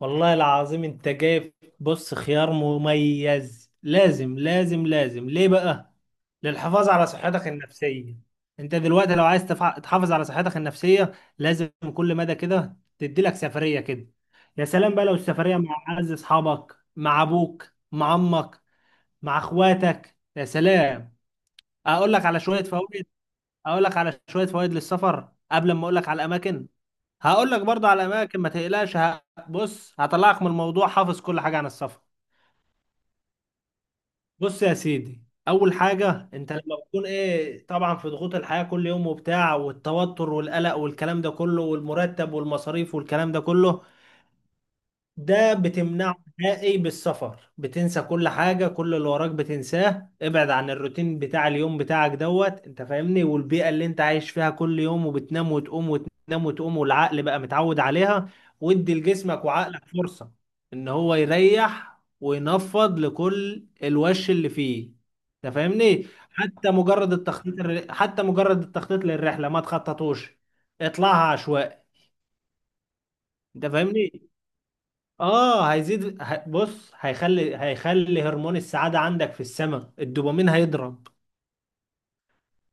والله العظيم انت جايب. بص، خيار مميز. لازم ليه بقى؟ للحفاظ على صحتك النفسية. انت دلوقتي لو عايز تحافظ على صحتك النفسية، لازم كل مدى كده تدي لك سفرية كده. يا سلام بقى لو السفرية مع اعز اصحابك، مع ابوك، مع امك، مع اخواتك، يا سلام. اقول لك على شوية فوائد، اقول لك على شوية فوائد للسفر قبل ما اقول لك على الاماكن. هقول لك برضه على اماكن ما تقلقش بص هطلعك من الموضوع حافظ كل حاجه عن السفر. بص يا سيدي، اول حاجه انت لما بتكون ايه، طبعا في ضغوط الحياه كل يوم وبتاع والتوتر والقلق والكلام ده كله والمرتب والمصاريف والكلام ده كله، ده بتمنعه نهائي بالسفر. بتنسى كل حاجة، كل اللي وراك بتنساه. ابعد عن الروتين بتاع اليوم بتاعك دوت، انت فاهمني، والبيئة اللي انت عايش فيها كل يوم، وبتنام وتقوم وتنام وتقوم والعقل بقى متعود عليها. وادي لجسمك وعقلك فرصة ان هو يريح وينفض لكل الوش اللي فيه. انت فاهمني، حتى مجرد حتى مجرد التخطيط للرحلة ما تخططوش، اطلعها عشوائي. انت فاهمني؟ اه، هيزيد ه- بص هيخلي، هيخلي هرمون السعادة عندك في السماء، الدوبامين هيضرب.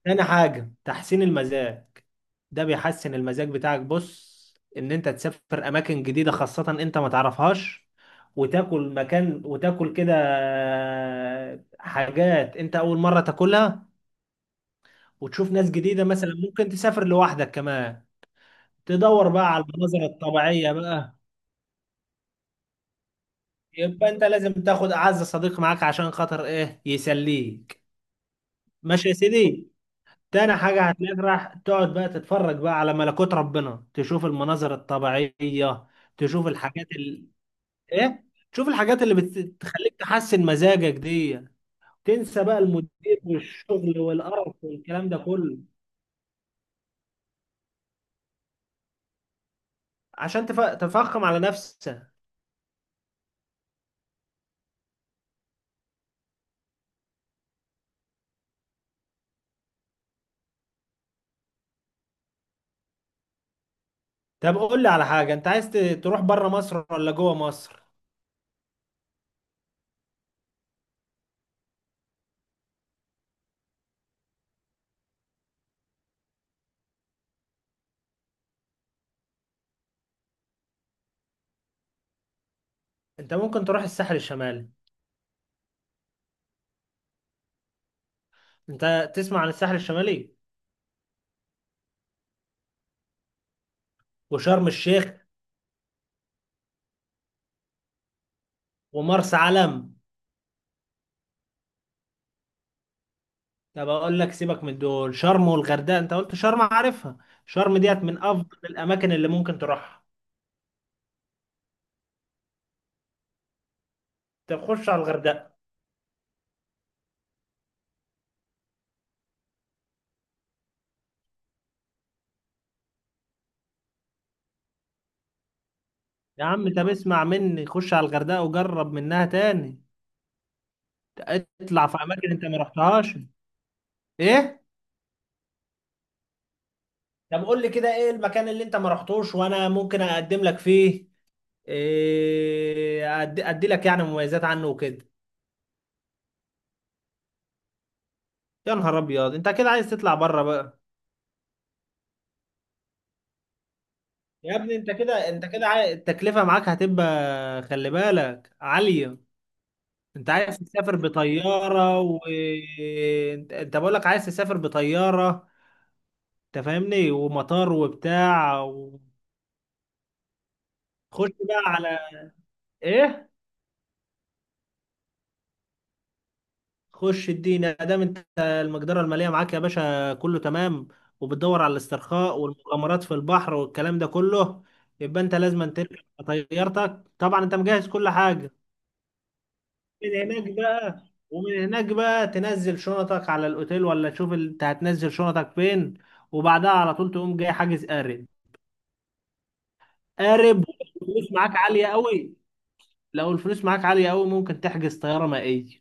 تاني حاجة، تحسين المزاج. ده بيحسن المزاج بتاعك. بص، ان انت تسافر اماكن جديدة خاصة انت ما تعرفهاش، وتاكل مكان وتاكل كده حاجات انت اول مرة تاكلها، وتشوف ناس جديدة. مثلا ممكن تسافر لوحدك كمان، تدور بقى على المناظر الطبيعية بقى. يبقى انت لازم تاخد اعز صديق معاك عشان خاطر ايه، يسليك. ماشي يا سيدي. تاني حاجة، هتلاقيك راح تقعد بقى تتفرج بقى على ملكوت ربنا، تشوف المناظر الطبيعية، تشوف الحاجات ايه، تشوف الحاجات اللي بتخليك تحسن مزاجك دي. تنسى بقى المدير والشغل والقرف والكلام ده كله. عشان تفخم على نفسك. طب قول لي على حاجة، انت تروح بره مصر ولا جوه مصر؟ انت ممكن تروح الساحل الشمالي. انت تسمع عن الساحل الشمالي وشرم الشيخ ومرسى علم. طب اقول لك، سيبك من دول. شرم، والغردقه انت قلت شرم عارفها، شرم ديت من افضل الاماكن اللي ممكن تروحها. طب خش على الغردقه. يا عم طب اسمع مني، خش على الغردقه وجرب منها تاني. اطلع في اماكن انت ما رحتهاش. ايه، طب قول لي كده ايه المكان اللي انت ما رحتوش وانا ممكن اقدم لك فيه. إيه، ادي لك يعني مميزات عنه وكده. يا نهار ابيض، انت كده عايز تطلع بره بقى. يا ابني، انت كده التكلفه معاك هتبقى، خلي بالك، عاليه. انت عايز تسافر بطياره و انت بقول لك عايز تسافر بطياره، انت فاهمني، ومطار وبتاع وخش بقى على ايه. خش الدين دام انت المقدره الماليه معاك يا باشا كله تمام، وبتدور على الاسترخاء والمغامرات في البحر والكلام ده كله، يبقى انت لازم تركب طيارتك. طبعا انت مجهز كل حاجه من هناك بقى. ومن هناك بقى تنزل شنطك على الاوتيل، ولا تشوف انت هتنزل شنطك فين، وبعدها على طول تقوم جاي حاجز قارب. قارب، الفلوس معاك عالية قوي؟ لو الفلوس معاك عالية قوي ممكن تحجز طيارة مائية.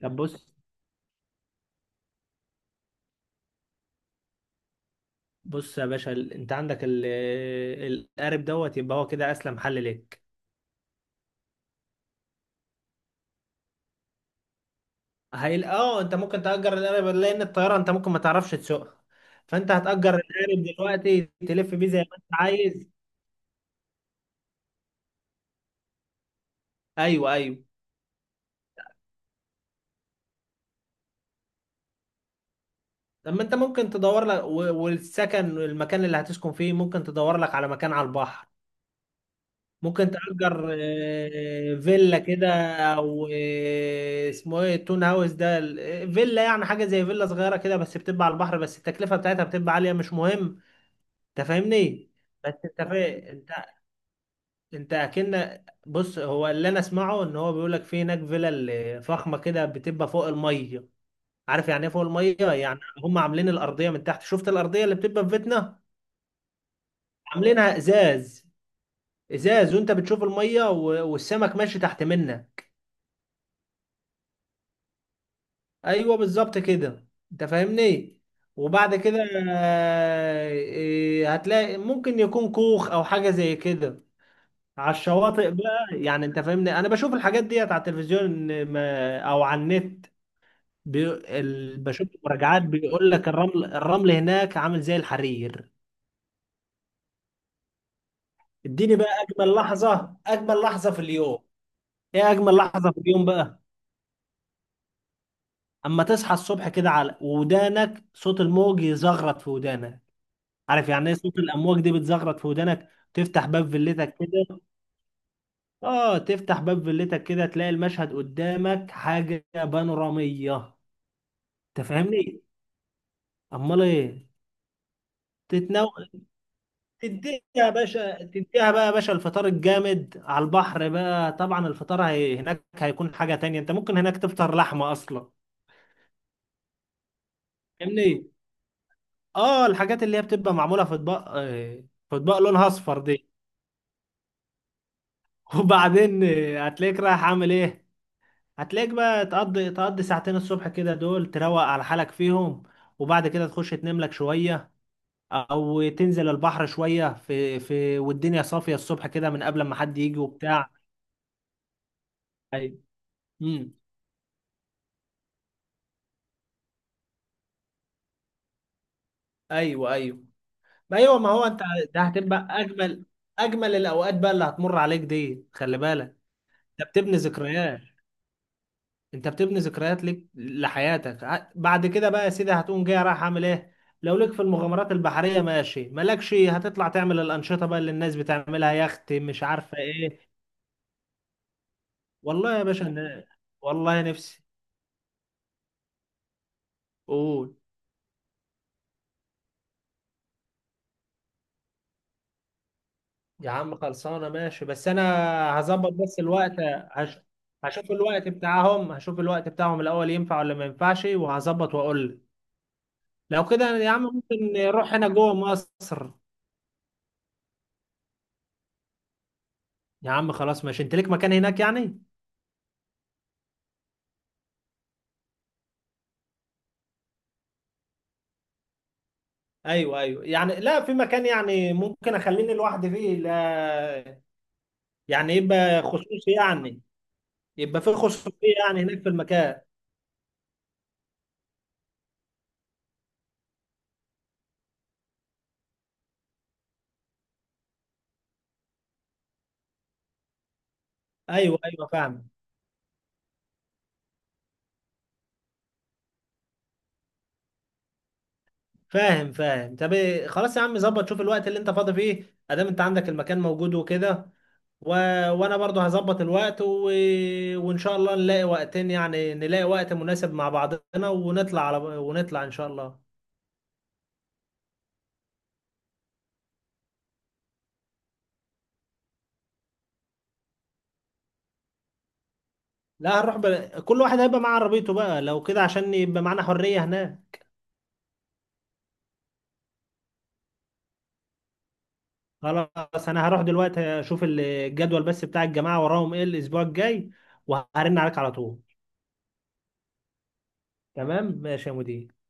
طب بص، بص يا باشا، انت عندك القارب دوت، يبقى هو كده اسلم حل ليك. اه، انت ممكن تأجر القارب لان الطيارة انت ممكن ما تعرفش تسوقها. فانت هتأجر القارب دلوقتي تلف بيه زي ما انت عايز. ايوه ايوه. لما انت ممكن تدور لك والسكن والمكان اللي هتسكن فيه ممكن تدور لك على مكان على البحر. ممكن تأجر فيلا كده، او اسمه ايه، التون هاوس ده فيلا، يعني حاجة زي فيلا صغيرة كده بس بتبقى على البحر، بس التكلفة بتاعتها بتبقى عالية، مش مهم. انت فاهمني؟ بس انت فا... انت انت اكن بص، هو اللي انا اسمعه ان هو بيقول لك في هناك فيلا فخمة كده بتبقى فوق المية. عارف يعني ايه فوق المية يعني؟ هم عاملين الأرضية من تحت، شفت الأرضية اللي بتبقى في بيتنا، عاملينها ازاز. ازاز، وانت بتشوف الميه والسمك ماشي تحت منها. ايوه بالظبط كده، انت فاهمني. وبعد كده آه، إيه، هتلاقي ممكن يكون كوخ او حاجه زي كده على الشواطئ بقى. يعني انت فاهمني، انا بشوف الحاجات ديت على التلفزيون او على النت. بي... بشوف مراجعات بيقول لك الرمل، الرمل هناك عامل زي الحرير. اديني بقى اجمل لحظه، اجمل لحظه في اليوم. ايه اجمل لحظه في اليوم بقى؟ اما تصحى الصبح كده على ودانك صوت الموج يزغرط في ودانك. عارف يعني ايه صوت الامواج دي بتزغرط في ودانك؟ تفتح باب فيلتك كده. اه، تفتح باب فيلتك كده، تلاقي المشهد قدامك حاجه بانوراميه. تفهمني؟ امال ايه. تتنو، تديها يا باشا، تديها بقى يا باشا الفطار الجامد على البحر بقى. طبعا الفطار هناك هيكون حاجه تانية، انت ممكن هناك تفطر لحمه اصلا. فاهمني؟ اه، الحاجات اللي هي بتبقى معموله في اطباق في اطباق لونها اصفر دي. وبعدين هتلاقيك رايح عامل ايه، هتلاقيك بقى تقضي، تقضي ساعتين الصبح كده دول تروق على حالك فيهم، وبعد كده تخش تنام لك شوية، او تنزل البحر شوية في والدنيا صافية الصبح كده من قبل ما حد يجي وبتاع. ايوه. امم. ايوه ايوه. ما ايوه، ما هو انت ده هتبقى اجمل، اجمل الاوقات بقى اللي هتمر عليك دي، خلي بالك. ده بتبني ذكريات، انت بتبني ذكريات ليك لحياتك. بعد كده بقى يا سيدي هتقوم جاي رايح اعمل ايه؟ لو ليك في المغامرات البحريه ماشي، مالكش، هتطلع تعمل الانشطه بقى اللي الناس بتعملها، يخت مش عارفه ايه. والله يا باشا والله نفسي. قول. يا عم خلصانه، ماشي، بس انا هظبط بس الوقت. هش... هشوف الوقت بتاعهم، هشوف الوقت بتاعهم الاول ينفع ولا ما ينفعش وهظبط واقول لك. لو كده يا عم ممكن نروح هنا جوه مصر. يا عم خلاص، ماشي، انت ليك مكان هناك يعني؟ ايوه ايوه، يعني لا في مكان يعني ممكن اخليني لوحدي فيه؟ لا يعني، يبقى خصوصي يعني، يبقى في خصوصية يعني هناك في المكان. ايوه ايوه، فاهم. فاهم فاهم. طب إيه، خلاص يا عم، ظبط شوف الوقت اللي انت فاضي فيه ادام انت عندك المكان موجود وكده، و... وانا برضو هظبط الوقت وان شاء الله نلاقي وقتين، يعني نلاقي وقت مناسب مع بعضنا ونطلع على، ونطلع ان شاء الله. لا هنروح كل واحد هيبقى معاه عربيته بقى لو كده عشان يبقى معانا حرية هناك. خلاص انا هروح دلوقتي اشوف الجدول بس بتاع الجماعه وراهم ايه الاسبوع الجاي وهرن عليك على طول. تمام ماشي يا مدير.